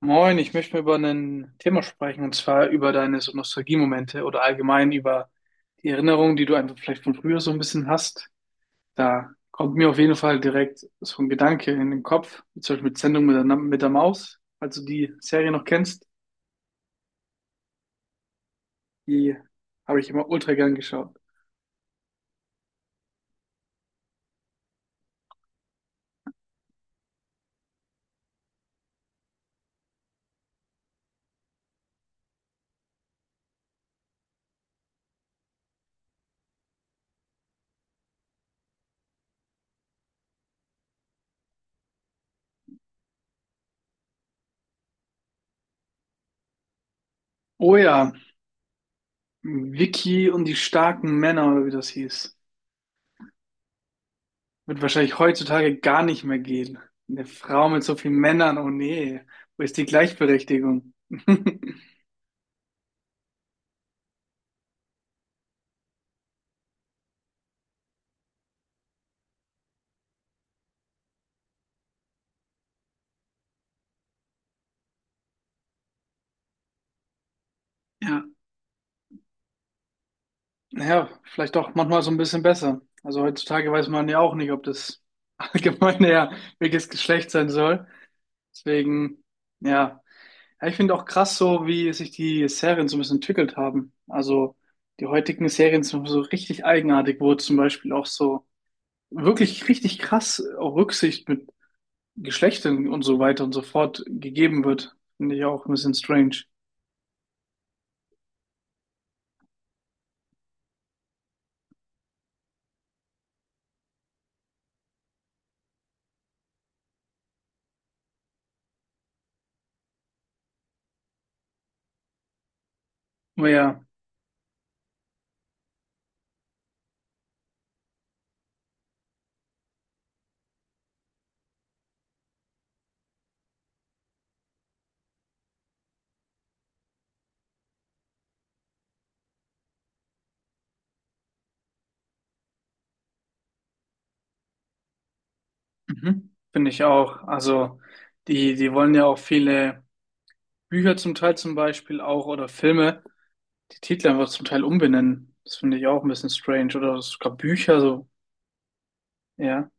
Moin, ich möchte mal über ein Thema sprechen, und zwar über deine so Nostalgiemomente oder allgemein über die Erinnerungen, die du einfach vielleicht von früher so ein bisschen hast. Da kommt mir auf jeden Fall direkt so ein Gedanke in den Kopf, zum Beispiel mit Sendung mit der Maus, falls du die Serie noch kennst, die habe ich immer ultra gern geschaut. Oh ja, Vicky und die starken Männer, oder wie das hieß, wird wahrscheinlich heutzutage gar nicht mehr gehen. Eine Frau mit so vielen Männern, oh nee, wo ist die Gleichberechtigung? Ja, ja vielleicht auch manchmal so ein bisschen besser. Also heutzutage weiß man ja auch nicht, ob das allgemeine ja welches Geschlecht sein soll. Deswegen, ja. Ja, ich finde auch krass, so wie sich die Serien so ein bisschen entwickelt haben. Also die heutigen Serien sind so richtig eigenartig, wo zum Beispiel auch so wirklich richtig krass auch Rücksicht mit Geschlechtern und so weiter und so fort gegeben wird. Finde ich auch ein bisschen strange. Ja, mhm. Finde ich auch. Also die wollen ja auch viele Bücher zum Teil zum Beispiel auch oder Filme, die Titel einfach zum Teil umbenennen. Das finde ich auch ein bisschen strange. Oder sogar Bücher so. Ja,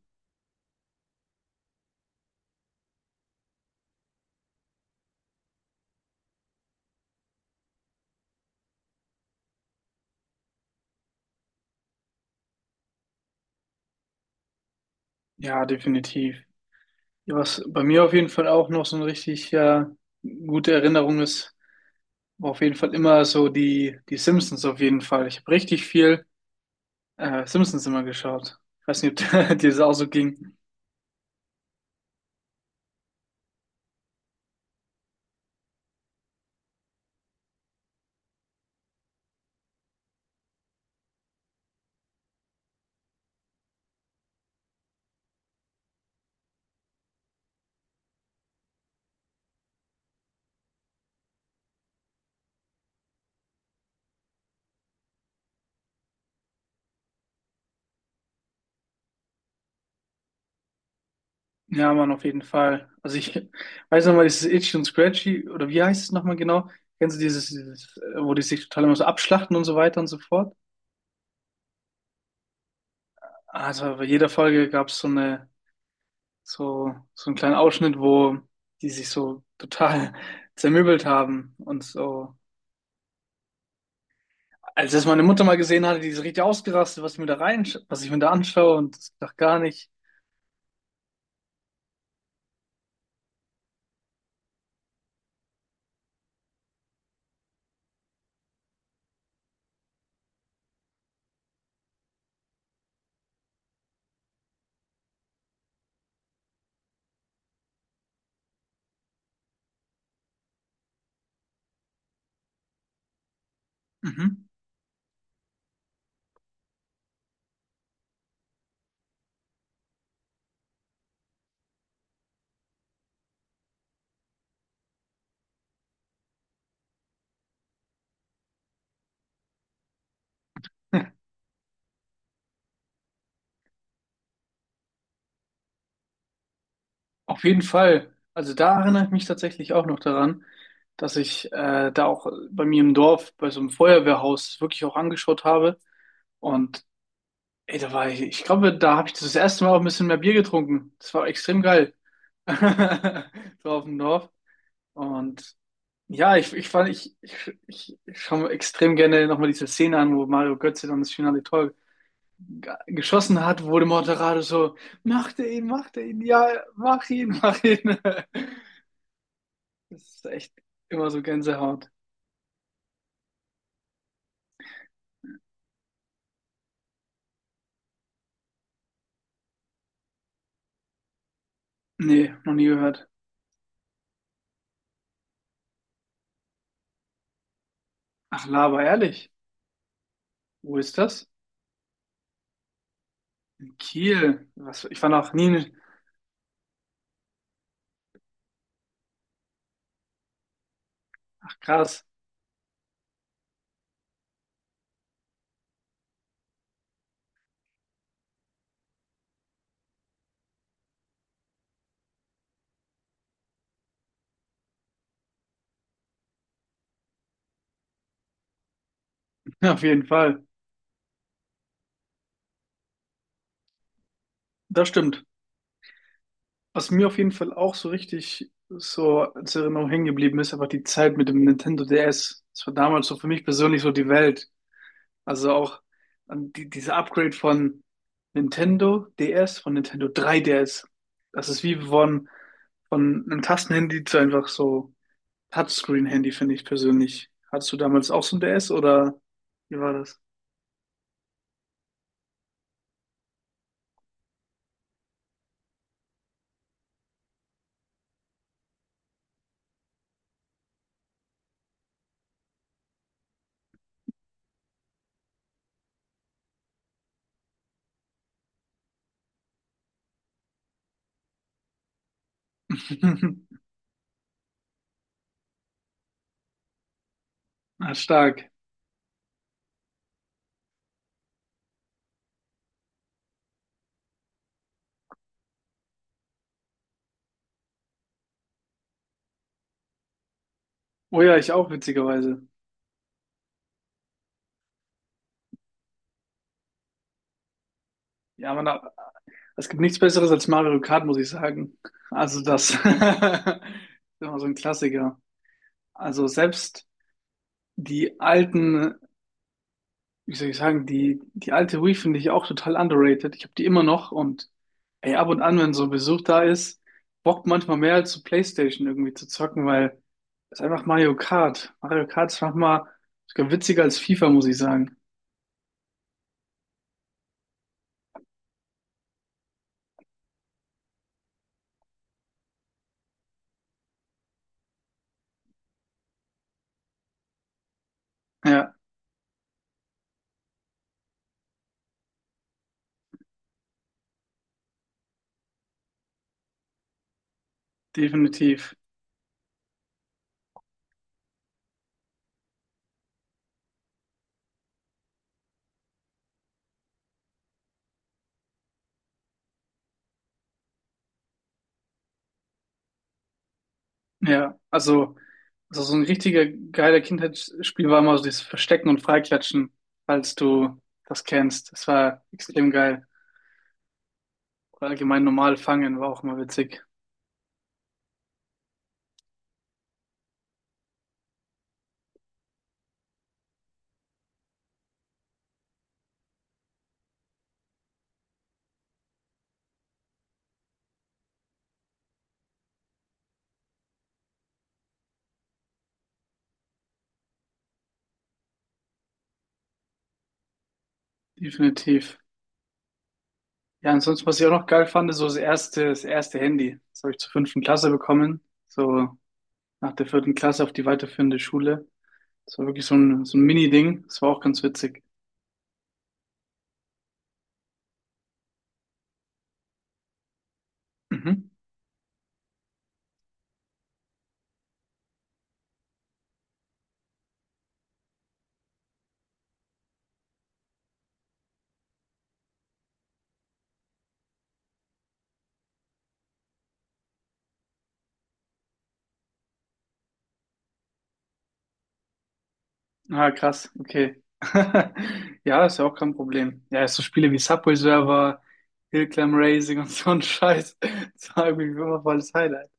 ja, definitiv. Ja, was bei mir auf jeden Fall auch noch so eine richtig ja, gute Erinnerung ist, war auf jeden Fall immer so die Simpsons auf jeden Fall. Ich habe richtig viel Simpsons immer geschaut. Ich weiß nicht, ob dir das auch so ging. Ja, Mann, auf jeden Fall. Also ich weiß nochmal, dieses Itchy und Scratchy, oder wie heißt es nochmal genau? Kennst du dieses, wo die sich total immer so abschlachten und so weiter und so fort? Also bei jeder Folge gab es so einen kleinen Ausschnitt, wo die sich so total zermürbelt haben und so. Als das meine Mutter mal gesehen hatte, die ist richtig ausgerastet, was ich mir da rein, was ich mir da anschaue und das dachte gar nicht. Mhm. Auf jeden Fall. Also da erinnere ich mich tatsächlich auch noch daran, dass ich da auch bei mir im Dorf bei so einem Feuerwehrhaus wirklich auch angeschaut habe. Und ey, da war ich, ich glaube, da habe ich das erste Mal auch ein bisschen mehr Bier getrunken. Das war extrem geil. So auf dem Dorf. Und ja, ich fand, ich, ich, ich ich schaue mir extrem gerne nochmal diese Szene an, wo Mario Götze dann das finale Tor geschossen hat, wo der Moderator so, macht er ihn, ja, mach ihn, mach ihn. Das ist echt immer so Gänsehaut. Nee, noch nie gehört. Ach, Laber, ehrlich. Wo ist das? In Kiel. Was, ich war noch nie in- Ach, krass. Auf jeden Fall. Das stimmt. Was mir auf jeden Fall auch so richtig so als Erinnerung hängen geblieben ist, einfach die Zeit mit dem Nintendo DS. Das war damals so für mich persönlich so die Welt. Also auch an die, dieser Upgrade von Nintendo DS, von Nintendo 3DS. Das ist wie von einem Tastenhandy zu einfach so Touchscreen-Handy finde ich persönlich. Hattest du damals auch so ein DS oder wie war das? Ah, stark. Oh ja, ich auch, witzigerweise. Ja, man, da- es gibt nichts Besseres als Mario Kart, muss ich sagen. Also das ist immer so ein Klassiker. Also selbst die alten, wie soll ich sagen, die alte Wii finde ich auch total underrated. Ich habe die immer noch und ey, ab und an, wenn so ein Besuch da ist, bockt manchmal mehr als so PlayStation irgendwie zu zocken, weil das ist einfach Mario Kart. Mario Kart ist manchmal sogar witziger als FIFA, muss ich sagen. Ja, definitiv. Ja, also so ein richtiger geiler Kindheitsspiel war immer so dieses Verstecken und Freiklatschen, falls du das kennst. Das war extrem geil. Oder allgemein normal fangen war auch immer witzig. Definitiv. Ja, ansonsten, was ich auch noch geil fand, ist so das erste Handy. Das habe ich zur fünften Klasse bekommen. So nach der vierten Klasse auf die weiterführende Schule. Das war wirklich so so ein Mini-Ding. Das war auch ganz witzig. Mhm. Ah, krass, okay. Ja, ist ja auch kein Problem. Ja, so Spiele wie Subway Surfer, Hillclimb Racing und so ein Scheiß. Das war irgendwie immer voll das Highlight.